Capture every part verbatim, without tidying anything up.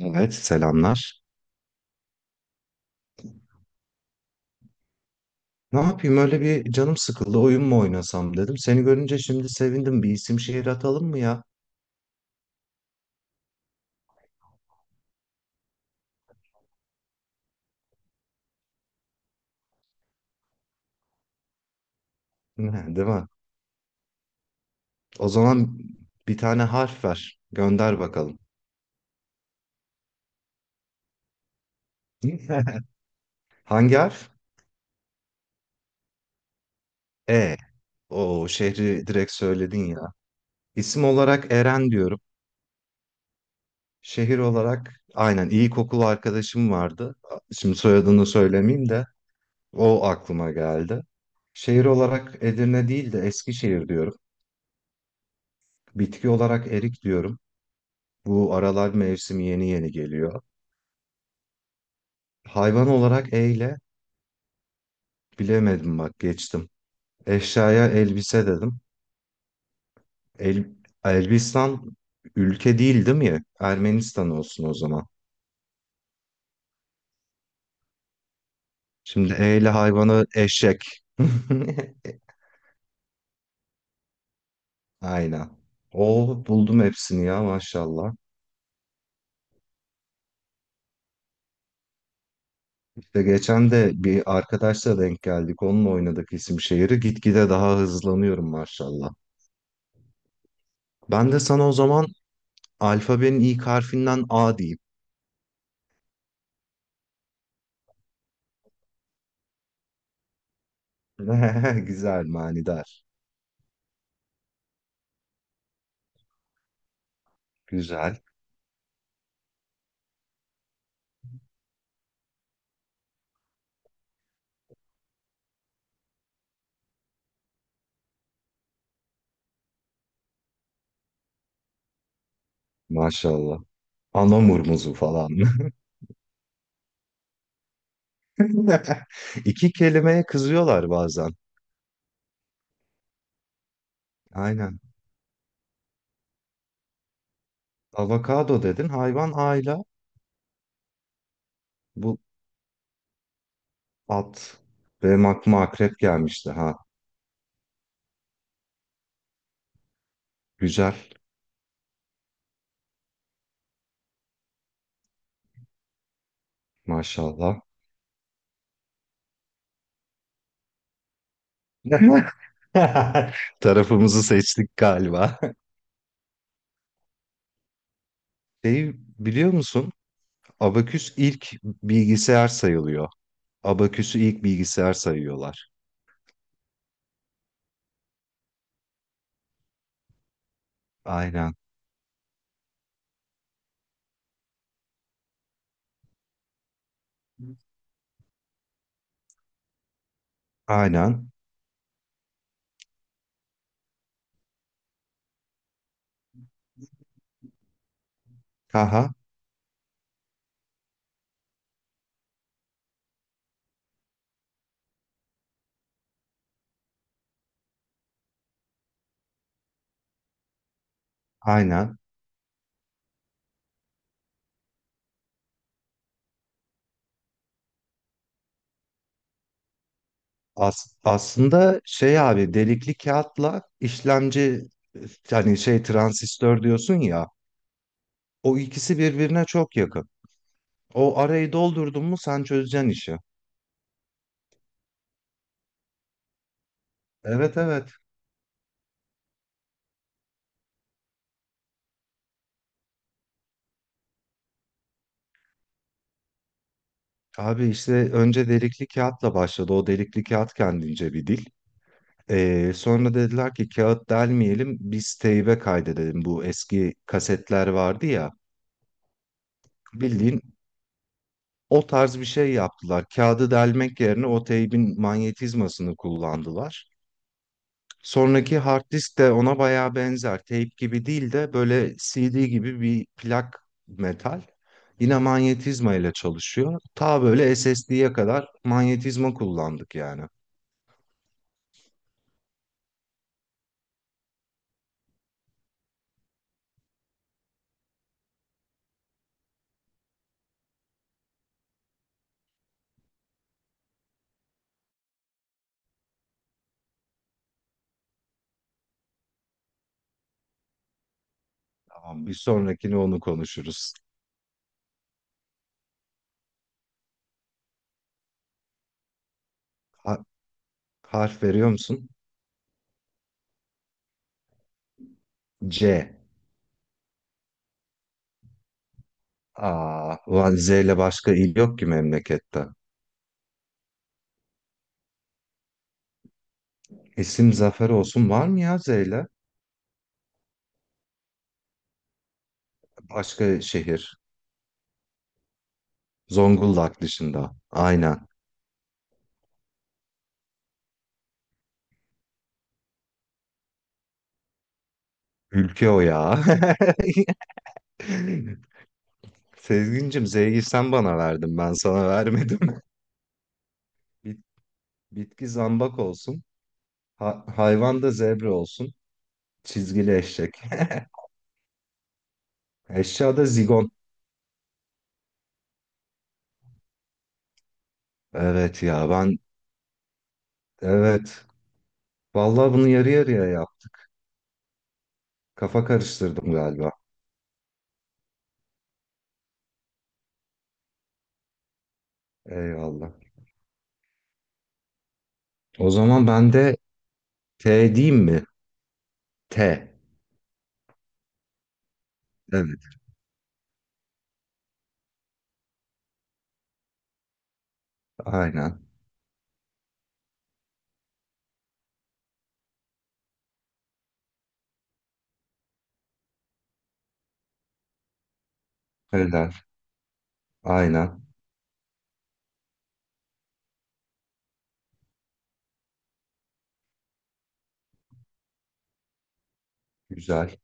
Evet, selamlar. Ne yapayım öyle bir canım sıkıldı oyun mu oynasam dedim. Seni görünce şimdi sevindim bir isim şehir atalım mı ya? Ne, değil mi? O zaman bir tane harf ver. Gönder bakalım. Hangi harf? E. O şehri direkt söyledin ya. İsim olarak Eren diyorum. Şehir olarak aynen iyi kokulu arkadaşım vardı. Şimdi soyadını söylemeyeyim de o aklıma geldi. Şehir olarak Edirne değil de Eskişehir diyorum. Bitki olarak erik diyorum. Bu aralar mevsim yeni yeni geliyor. Hayvan olarak E ile bilemedim, bak, geçtim. Eşyaya elbise dedim. El, Elbistan ülke değil değil mi? Ermenistan olsun o zaman. Şimdi E ile hayvanı eşek. Aynen. O buldum hepsini ya, maşallah. İşte geçen de bir arkadaşla denk geldik. Onunla oynadık isim şehri. Gitgide daha hızlanıyorum, maşallah. Ben de sana o zaman alfabenin ilk harfinden A diyeyim. Güzel, manidar. Güzel. Maşallah. Anamurmuzu falan. İki kelimeye kızıyorlar bazen. Aynen. Avokado dedin. Hayvan ayla. Bu at. Benim aklıma akrep gelmişti. Ha. Güzel. Maşallah. Tarafımızı seçtik galiba. Şey, biliyor musun? Abaküs ilk bilgisayar sayılıyor. Abaküsü ilk bilgisayar sayıyorlar. Aynen. Aynen. Haha. Aynen. As- aslında şey abi delikli kağıtla işlemci, hani şey transistör diyorsun ya, o ikisi birbirine çok yakın. O arayı doldurdun mu sen çözeceksin işi. Evet, evet. Abi işte önce delikli kağıtla başladı. O delikli kağıt kendince bir dil. Ee, sonra dediler ki kağıt delmeyelim, biz teybe kaydedelim. Bu eski kasetler vardı ya, bildiğin o tarz bir şey yaptılar. Kağıdı delmek yerine o teybin manyetizmasını kullandılar. Sonraki hard disk de ona bayağı benzer. Tape gibi değil de böyle C D gibi bir plak metal. Yine manyetizma ile çalışıyor. Ta böyle S S D'ye kadar manyetizma kullandık yani. Tamam, bir sonrakini onu konuşuruz. Ha- Harf veriyor musun? C. Aa, ulan Z ile başka il yok ki memlekette. İsim Zafer olsun, var mı ya Z ile? Başka şehir. Zonguldak dışında. Aynen. Ülke o ya. Sezgincim, Z'yi sen bana verdin. Ben sana vermedim. Bit- bitki zambak olsun. Ha- hayvan da zebra olsun. Çizgili eşek. Eşya da zigon. Evet ya, ben evet. Vallahi bunu yarı yarıya yap. Kafa karıştırdım galiba. Eyvallah. O zaman ben de T diyeyim mi? T. Evet. Aynen. Helal. Aynen. Güzel.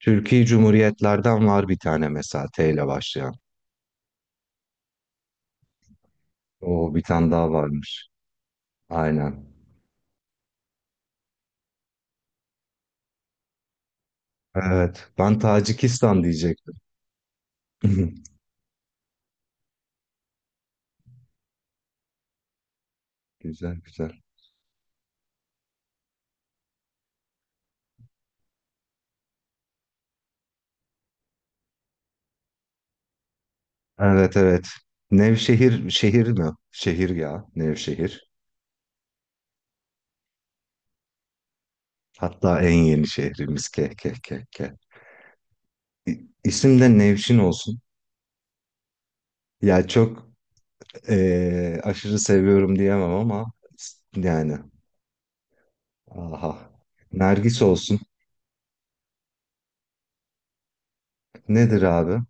Türkiye Cumhuriyetlerden var bir tane mesela T ile başlayan. O bir tane daha varmış. Aynen. Evet. Ben Tacikistan diyecektim. Güzel, güzel. Evet, evet. Nevşehir şehir mi? Şehir ya. Nevşehir. Hatta en yeni şehrimiz. Ke ke ke ke. İ- İsim de Nevşin olsun. Ya çok... Ee, aşırı seviyorum diyemem ama yani, aha. Nergis olsun. Nedir abi?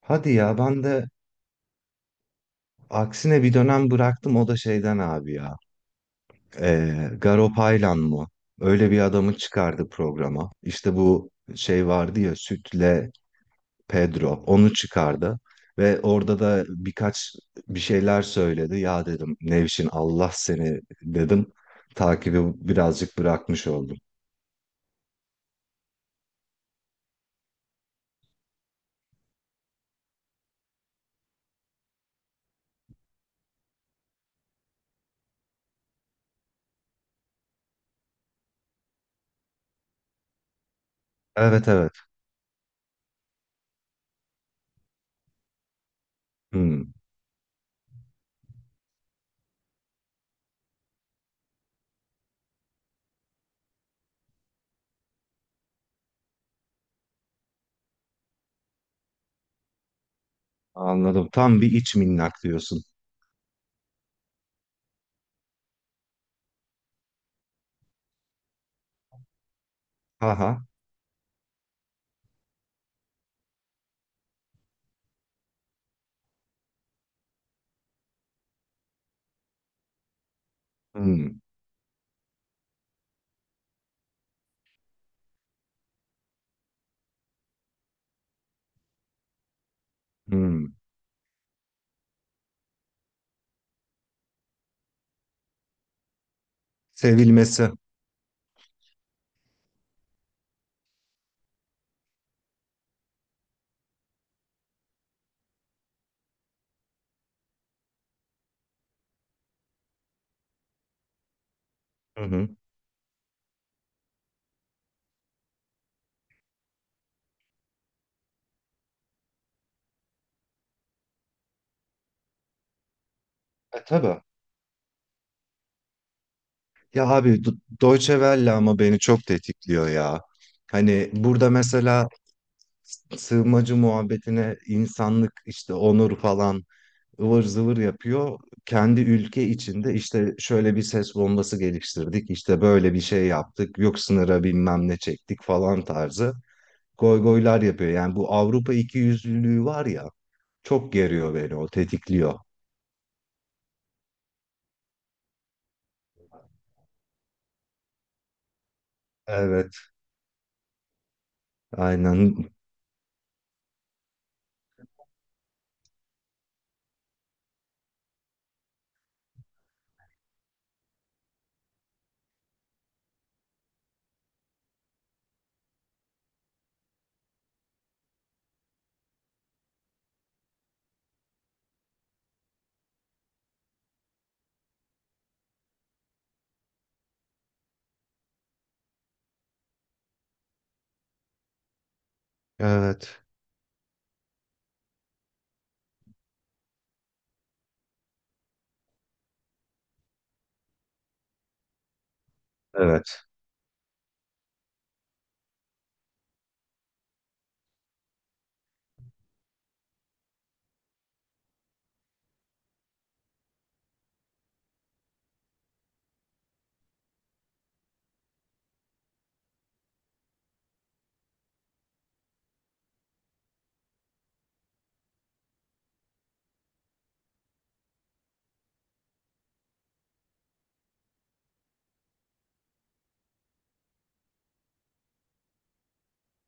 Hadi ya, ben de aksine bir dönem bıraktım, o da şeyden abi ya. Ee, Garo Paylan mı? Öyle bir adamı çıkardı programa. İşte bu şey vardı ya, Sütle Pedro onu çıkardı. Ve orada da birkaç bir şeyler söyledi. Ya dedim, Nevşin Allah seni dedim. Takibi birazcık bırakmış oldum. Evet, evet. Hmm. Anladım. Tam bir iç minnak diyorsun. Aha. Hmm. Hmm. Sevilmesi. Hı hı. E tabii. Ya abi Do- Deutsche Welle ama beni çok tetikliyor ya. Hani burada mesela sığınmacı muhabbetine insanlık işte onur falan ıvır zıvır yapıyor. Kendi ülke içinde işte şöyle bir ses bombası geliştirdik, işte böyle bir şey yaptık, yok sınıra bilmem ne çektik falan tarzı goygoylar yapıyor. Yani bu Avrupa ikiyüzlülüğü var ya, çok geriyor beni, o tetikliyor. Evet. Aynen. Evet. Evet.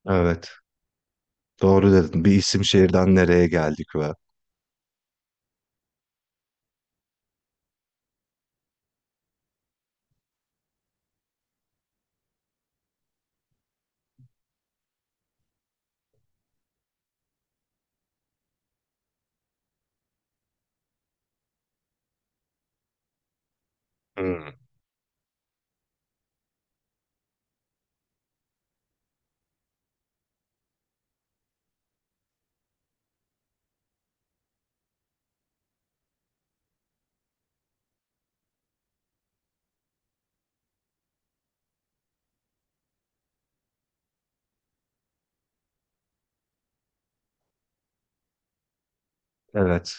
Evet. Doğru dedin. Bir isim şehirden nereye geldik ve. Hmm. Evet.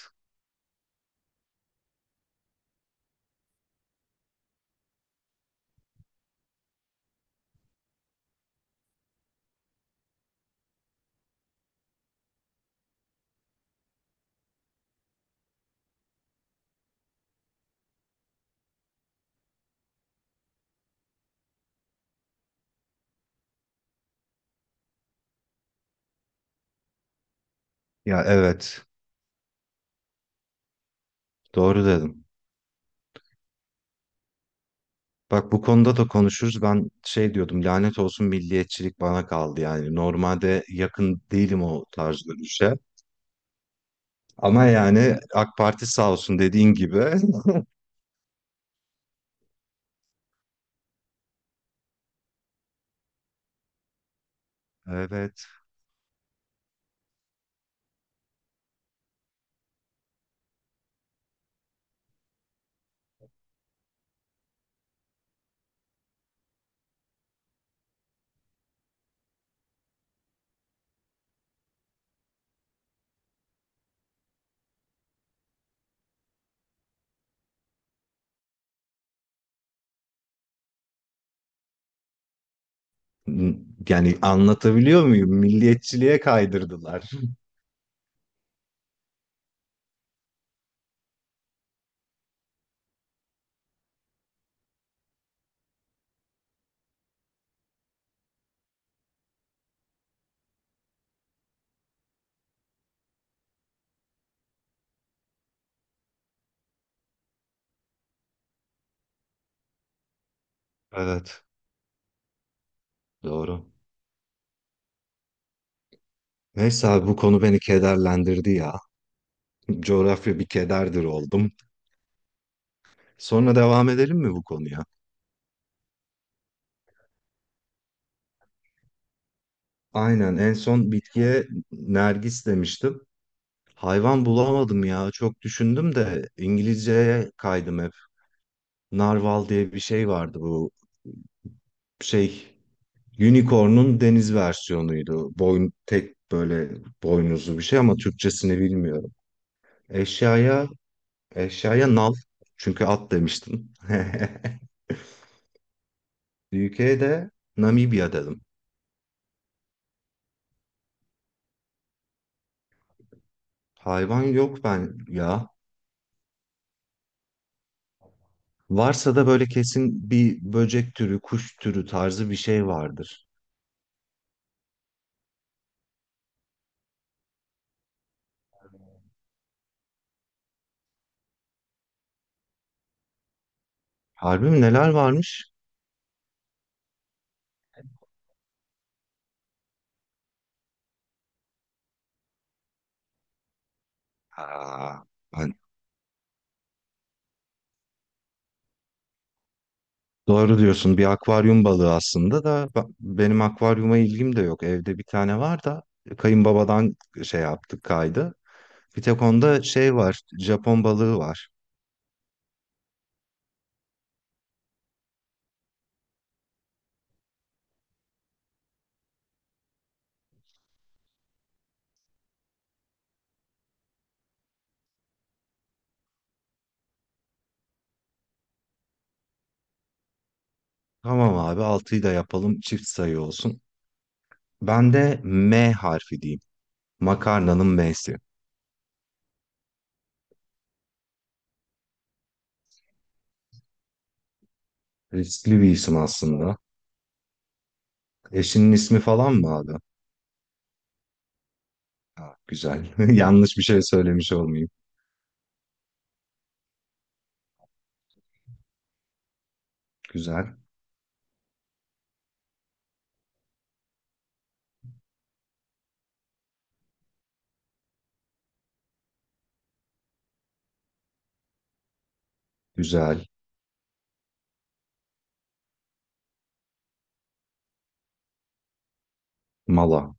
Ya evet. Doğru dedim. Bak bu konuda da konuşuruz. Ben şey diyordum, lanet olsun, milliyetçilik bana kaldı yani. Normalde yakın değilim o tarz görüşe. Ama yani A K Parti sağ olsun, dediğin gibi. Evet. Yani, anlatabiliyor muyum? Milliyetçiliğe kaydırdılar. Evet. Doğru. Neyse abi bu konu beni kederlendirdi ya. Coğrafya bir kederdir oldum. Sonra devam edelim mi bu konuya? Aynen, en son bitkiye nergis demiştim. Hayvan bulamadım ya. Çok düşündüm de İngilizceye kaydım hep. Narval diye bir şey vardı, bu şey unicorn'un deniz versiyonuydu. Boyun tek böyle boynuzlu bir şey ama Türkçesini bilmiyorum. Eşyaya eşyaya nal, çünkü at demiştim. U K'de Namibya dedim. Hayvan yok ben ya. Varsa da böyle kesin bir böcek türü, kuş türü tarzı bir şey vardır. Harbi mi, neler varmış? Aa, ben... Doğru diyorsun, bir akvaryum balığı aslında da ba- benim akvaryuma ilgim de yok. Evde bir tane var da kayınbabadan şey yaptık, kaydı. Bir tek onda şey var, Japon balığı var. Tamam abi, altıyı da yapalım, çift sayı olsun. Ben de M harfi diyeyim. Makarnanın M'si. Riskli bir isim aslında. Eşinin ismi falan mı abi? Ha, güzel. Yanlış bir şey söylemiş olmayayım. Güzel. Güzel. Mala.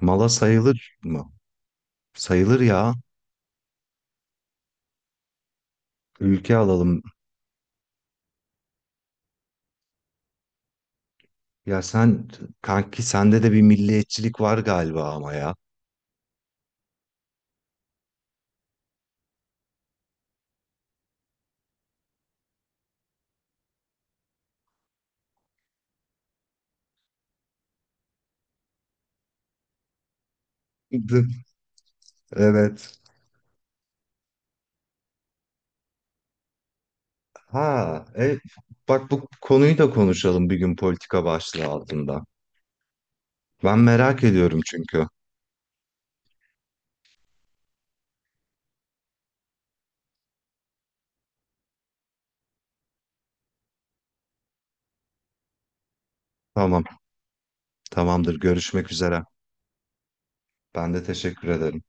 Mala sayılır mı? Sayılır ya. Ülke alalım. Ya sen kanki sende de bir milliyetçilik var galiba ama ya. Evet. Ha, e, bak bu konuyu da konuşalım bir gün politika başlığı altında. Ben merak ediyorum çünkü. Tamam, tamamdır. Görüşmek üzere. Ben de teşekkür ederim.